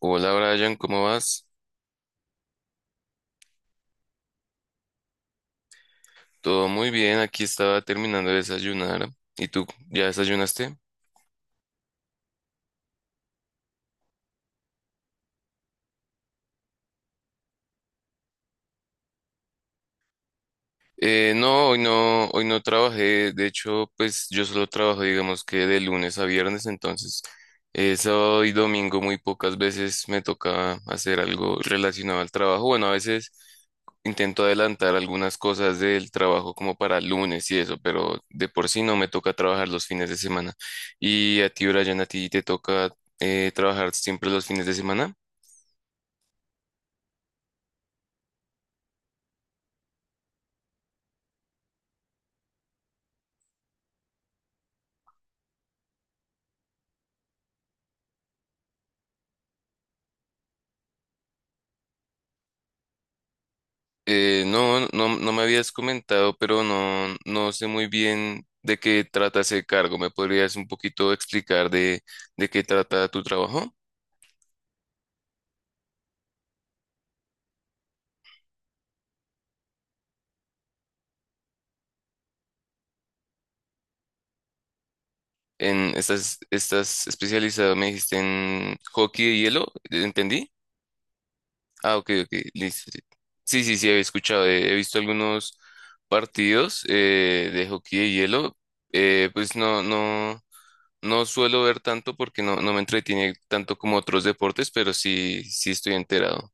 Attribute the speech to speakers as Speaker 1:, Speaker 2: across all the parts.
Speaker 1: Hola Brian, ¿cómo vas? Todo muy bien, aquí estaba terminando de desayunar. ¿Y tú ya desayunaste? No, hoy no, hoy no trabajé. De hecho, pues yo solo trabajo, digamos que de lunes a viernes, entonces sábado y domingo muy pocas veces me toca hacer algo relacionado al trabajo. Bueno, a veces intento adelantar algunas cosas del trabajo como para lunes y eso, pero de por sí no me toca trabajar los fines de semana. ¿Y a ti, Brian, a ti te toca trabajar siempre los fines de semana? No, no, no me habías comentado, pero no, no sé muy bien de qué trata ese cargo. ¿Me podrías un poquito explicar de qué trata tu trabajo? Estás especializado, me dijiste en hockey de hielo, ¿entendí? Ah, ok, ok, listo. Sí, sí, sí, sí, había escuchado, he visto algunos partidos de hockey de hielo. Pues no, no suelo ver tanto porque no, no me entretiene tanto como otros deportes, pero sí, sí estoy enterado.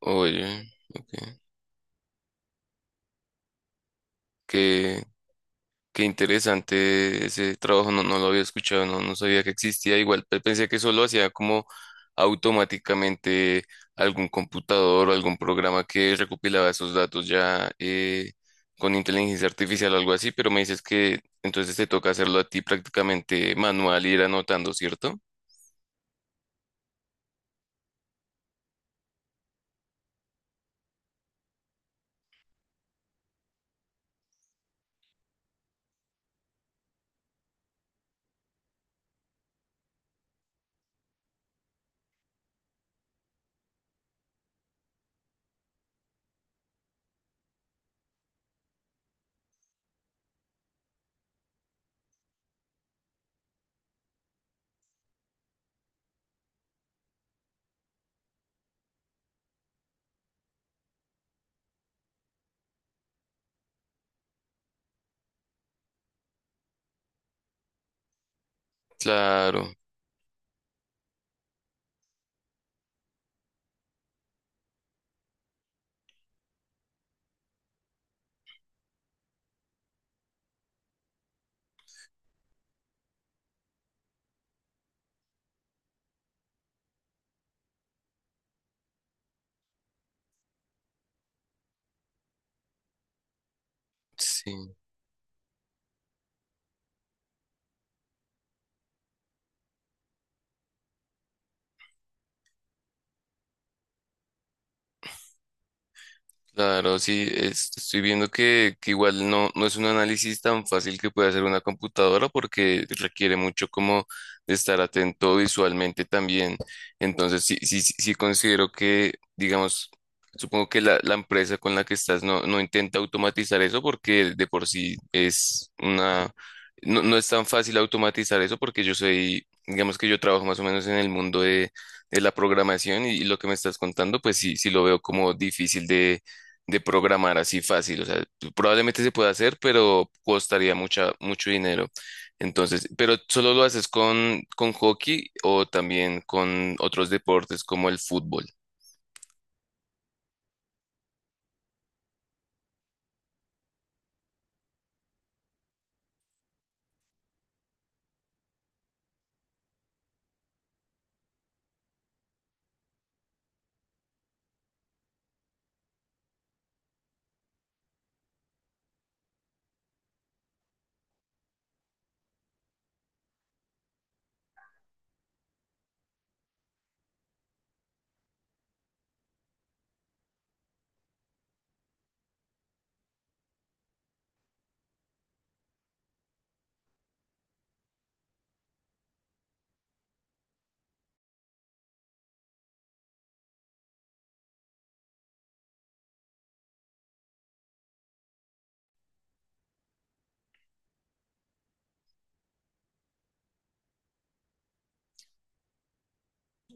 Speaker 1: Oye, ok. Qué, qué interesante ese trabajo, no, no lo había escuchado, no, no sabía que existía. Igual pensé que solo hacía como automáticamente algún computador o algún programa que recopilaba esos datos ya con inteligencia artificial o algo así, pero me dices que entonces te toca hacerlo a ti prácticamente manual, ir anotando, ¿cierto? Claro, sí. Claro, sí, estoy viendo que igual no, no es un análisis tan fácil que puede hacer una computadora porque requiere mucho como de estar atento visualmente también. Entonces, sí, sí, sí considero que, digamos, supongo que la empresa con la que estás no, no intenta automatizar eso porque de por sí es una, no, no es tan fácil automatizar eso porque yo soy, digamos que yo trabajo más o menos en el mundo de la programación y lo que me estás contando, pues sí, sí lo veo como difícil de programar así fácil. O sea, probablemente se pueda hacer, pero costaría mucha, mucho dinero. Entonces, pero solo lo haces con hockey o también con otros deportes como el fútbol.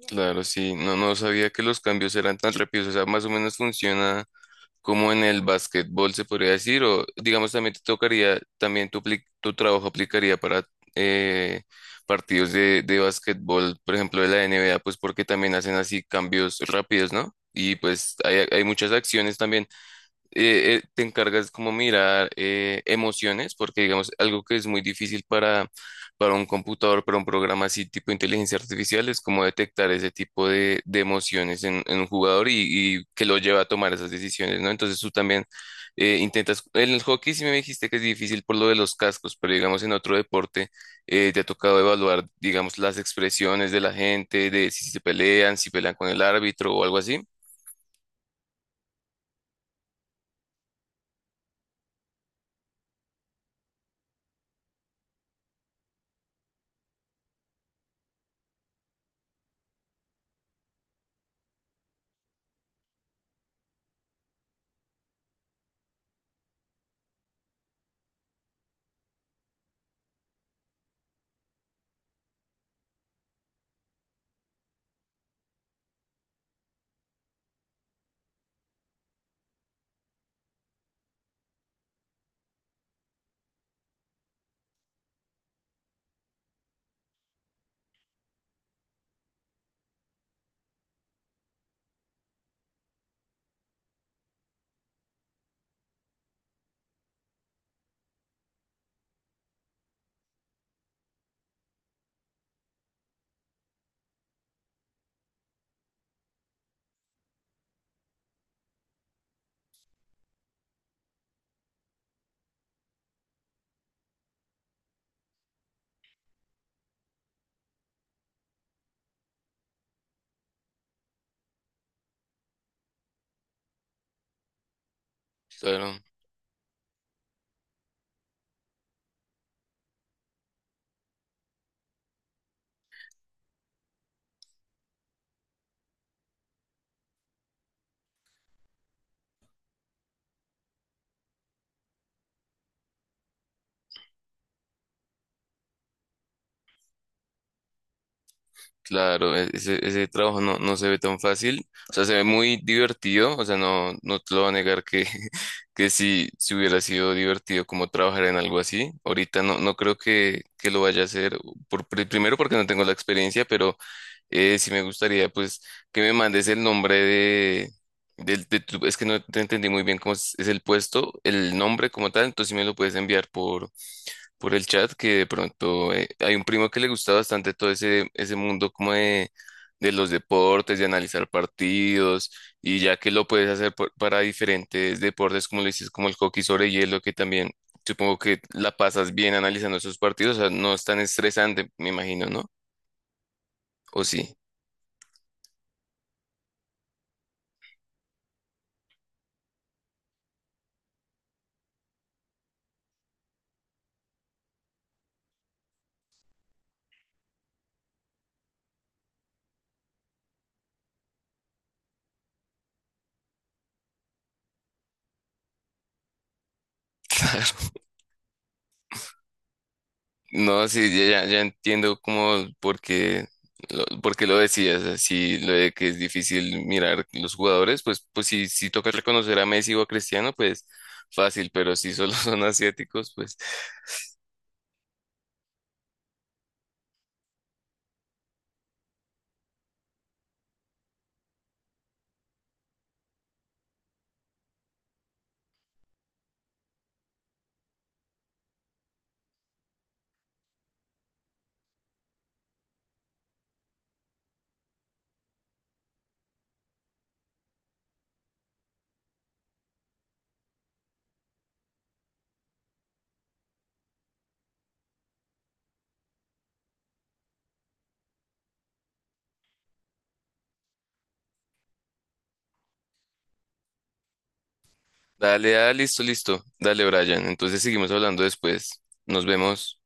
Speaker 1: Claro, sí, no, no sabía que los cambios eran tan rápidos. O sea, más o menos funciona como en el básquetbol se podría decir, o digamos también te tocaría, también tu trabajo aplicaría para eh, partidos de básquetbol, por ejemplo de la NBA, pues porque también hacen así cambios rápidos, ¿no? Y pues hay muchas acciones también te encargas como mirar emociones, porque digamos, algo que es muy difícil para un computador, para un programa así tipo inteligencia artificial, es como detectar ese tipo de emociones en un jugador y que lo lleva a tomar esas decisiones, ¿no? Entonces tú también intentas, en el hockey sí me dijiste que es difícil por lo de los cascos, pero digamos en otro deporte te ha tocado evaluar, digamos, las expresiones de la gente, de si se pelean, si pelean con el árbitro o algo así. Claro. Claro, ese, ese trabajo no, no se ve tan fácil, o sea, se ve muy divertido, o sea, no, no te lo voy a negar que, que si, si hubiera sido divertido como trabajar en algo así, ahorita no, no creo que lo vaya a hacer, por, primero porque no tengo la experiencia, pero sí me gustaría pues que me mandes el nombre de, del, es que no te entendí muy bien cómo es el puesto, el nombre como tal, entonces si me lo puedes enviar por el chat que de pronto hay un primo que le gusta bastante todo ese, ese mundo como de los deportes, de analizar partidos, y ya que lo puedes hacer para diferentes deportes, como le dices, como el hockey sobre hielo, que también supongo que la pasas bien analizando esos partidos, o sea, no es tan estresante, me imagino, ¿no? ¿O sí? No, sí, ya, ya entiendo cómo, por qué lo decías, así lo de que es difícil mirar los jugadores, pues, pues si, si toca reconocer a Messi o a Cristiano, pues fácil, pero si solo son asiáticos, pues dale, ah, listo, listo, dale, Brian. Entonces seguimos hablando después. Nos vemos.